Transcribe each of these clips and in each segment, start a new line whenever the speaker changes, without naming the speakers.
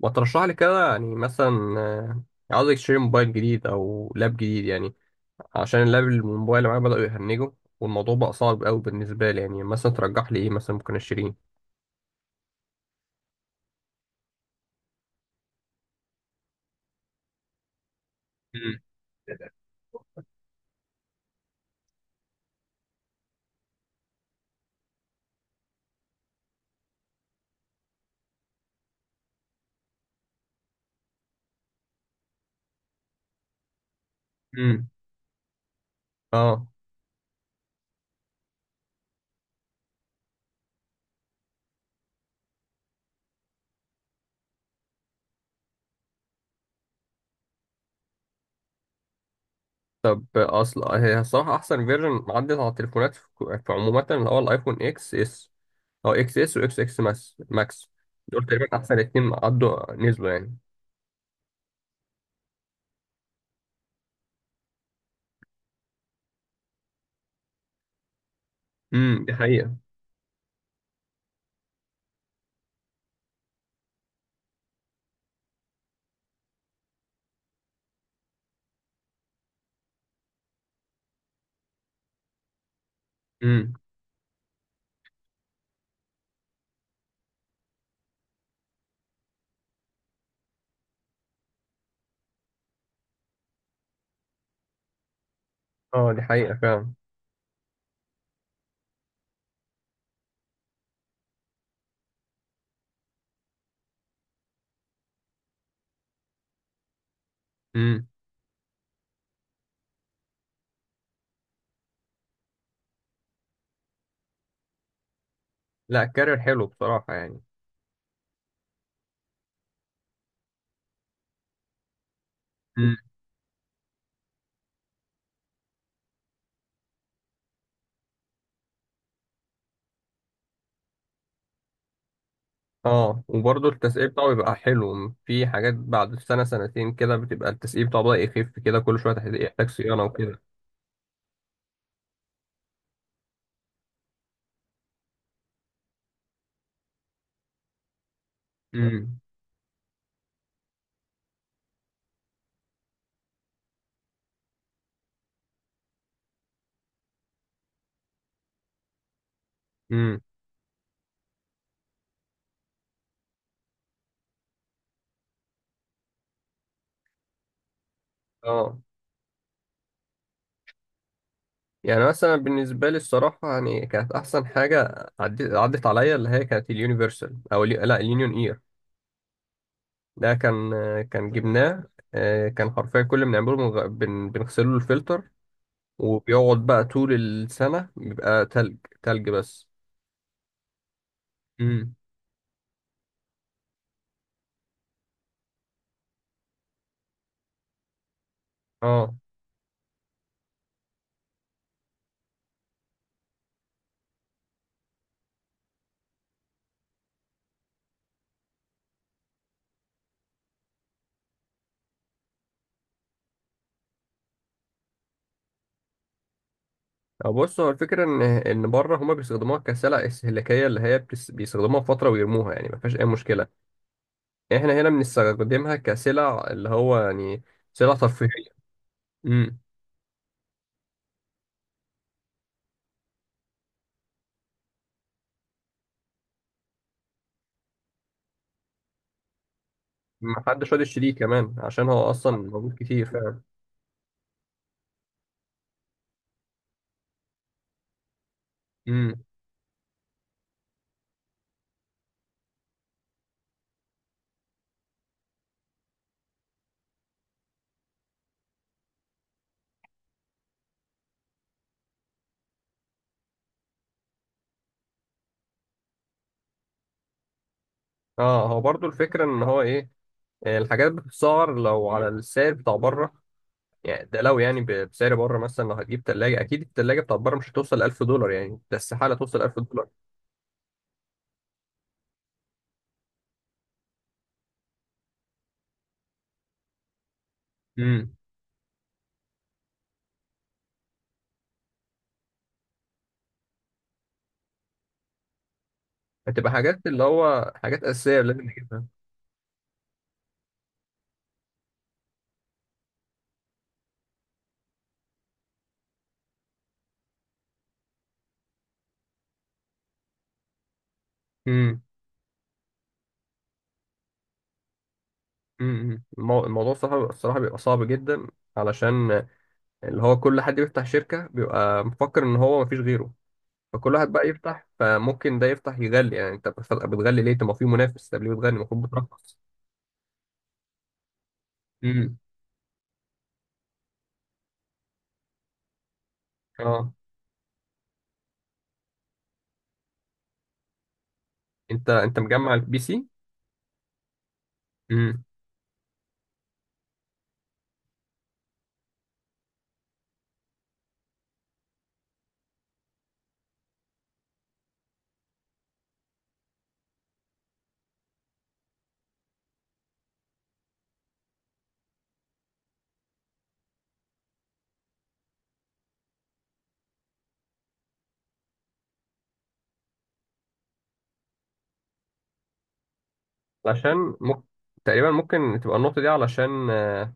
وترشح لي كده يعني مثلا عاوز اشتري موبايل جديد او لاب جديد يعني، عشان اللاب الموبايل اللي معايا بدأوا يهنجوا، والموضوع بقى صعب قوي بالنسبه لي يعني. مثلا ترجح لي ايه مثلا ممكن اشتريه؟ مم. مم. اه، طب اصل هي الصراحه احسن فيرجن عدت على التليفونات في عموما اللي هو الايفون اكس اس، او اكس اس واكس اكس ماس ماكس، دول تقريبا احسن اتنين عدوا نزلوا يعني. امم، دي حقيقه. امم، اه دي حقيقه فعلا. امم، لا الكارير حلو بصراحه يعني. اه، وبرضه التسقية بتاعه بيبقى حلو في حاجات، بعد سنة سنتين كده بتبقى التسقية بتاعه بدأ يخف كده، كل شوية يحتاج صيانة وكده. امم. امم. اه، يعني مثلا بالنسبة لي الصراحة يعني كانت أحسن حاجة عدت عليا اللي هي كانت اليونيفرسال أو لا، اليونيون إير. ده كان جبناه. كان حرفيا كل ما بنعمله بنغسله له الفلتر، وبيقعد بقى طول السنة بيبقى تلج، تلج بس. امم. اه، أو بص، هو الفكرة إن بره هما بيستخدموها كسلع استهلاكية، اللي هي بيستخدموها فترة ويرموها يعني، ما فيهاش أي مشكلة. يعني إحنا هنا بنستخدمها كسلع اللي هو يعني سلع ترفيهية. أمم. محدش راضي يشتريه كمان عشان هو أصلا موجود كتير فعلا. أمم. أه، هو برضو الفكرة إن هو إيه، الحاجات بتتسعر لو على السعر بتاع بره، يعني ده لو يعني بسعر بره مثلا. لو هتجيب تلاجة أكيد التلاجة بتاع بره مش هتوصل 1000 دولار، يعني ده استحالة توصل 1000 دولار. أمم. هتبقى حاجات اللي هو حاجات أساسية لازم نجيبها. امم. امم. امم. الموضوع صعب الصراحه، بيبقى صعب جدا، علشان اللي هو كل حد بيفتح شركه بيبقى مفكر ان هو مفيش غيره، فكل واحد بقى يفتح، فممكن ده يفتح يغلي. يعني انت بتغلي ليه؟ طب ما في منافس، طب ليه بتغلي؟ المفروض بترخص. امم. اه، انت مجمع البي سي؟ امم. علشان ممكن، تقريبا ممكن تبقى النقطه دي علشان آه،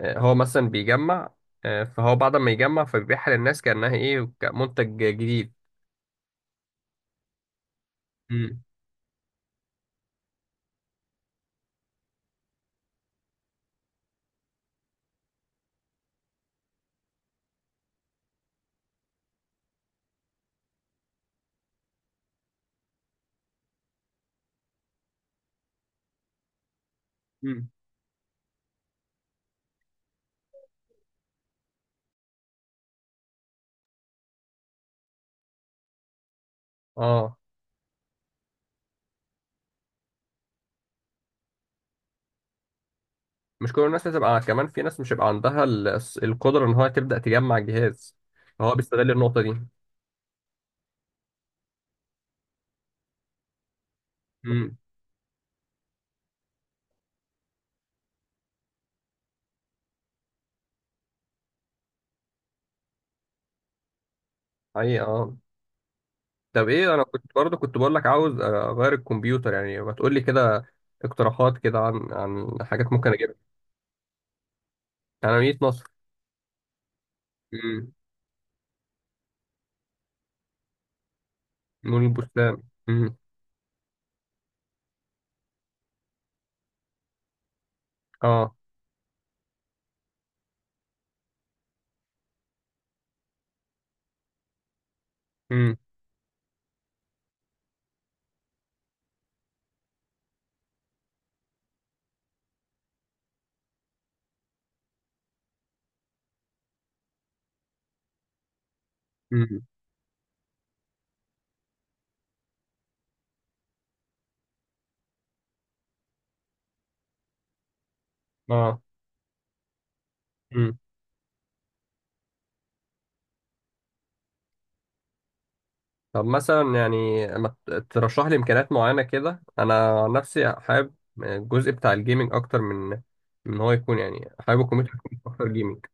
آه، هو مثلا بيجمع، فهو بعد ما يجمع فبيبيعها للناس كانها ايه، كمنتج جديد. امم. امم. اه، مش كل الناس هتبقى، كمان في ناس مش هيبقى عندها القدرة ان هو تبدأ تجمع الجهاز، فهو بيستغل النقطة دي. امم. حقيقة اه. طب ايه، انا كنت برضه كنت بقول لك عاوز اغير الكمبيوتر، يعني ما تقول لي كده اقتراحات كده عن حاجات ممكن اجيبها. انا مدينة نصر. امم. نور البستان. امم. اه. امم. امم. اه. امم. طب مثلا يعني ما ترشح لي امكانيات معينه كده، انا عن نفسي حابب الجزء بتاع الجيمنج اكتر من إن هو يكون، يعني حابب الكمبيوتر يكون اكتر جيمنج.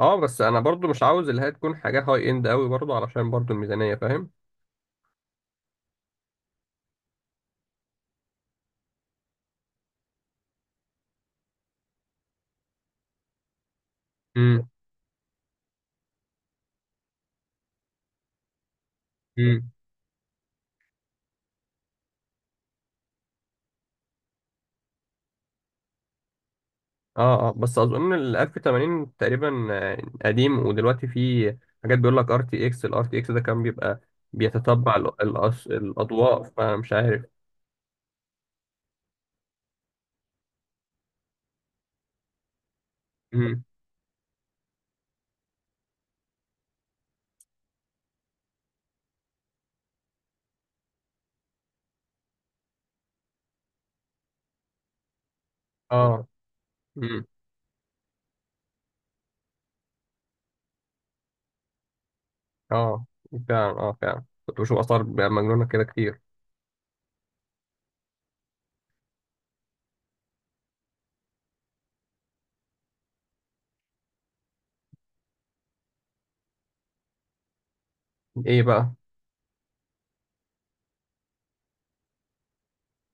اه، بس انا برضو مش عاوز اللي هي تكون حاجه هاي اند قوي برضو، علشان برضو الميزانيه، فاهم؟ امم. امم. اه، اه، بس اظن ال 1080 تقريبا قديم، ودلوقتي في حاجات بيقول لك ار تي اكس، الار تي اكس ده كان بيبقى بيتتبع الاضواء، فمش عارف. امم. اه، اه فعلا، اه فعلا كنت بشوف اثار مجنونه كده كتير. ايه بقى؟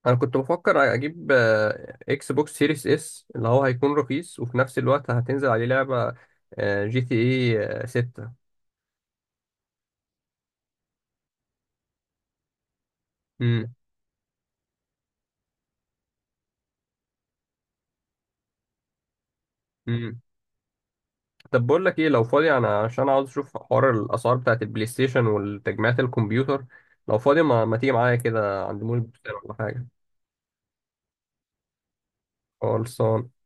انا كنت بفكر اجيب اكس بوكس سيريس اس، اللي هو هيكون رخيص وفي نفس الوقت هتنزل عليه لعبه جي تي اي 6. امم. امم. طب بقول لك ايه، لو فاضي انا، عشان عاوز اشوف حوار الاسعار بتاعت البلاي ستيشن والتجميعات الكمبيوتر، لو فاضي ما تيجي معايا كده عند مول البلاي ستيشن ولا حاجه؟ خلصان.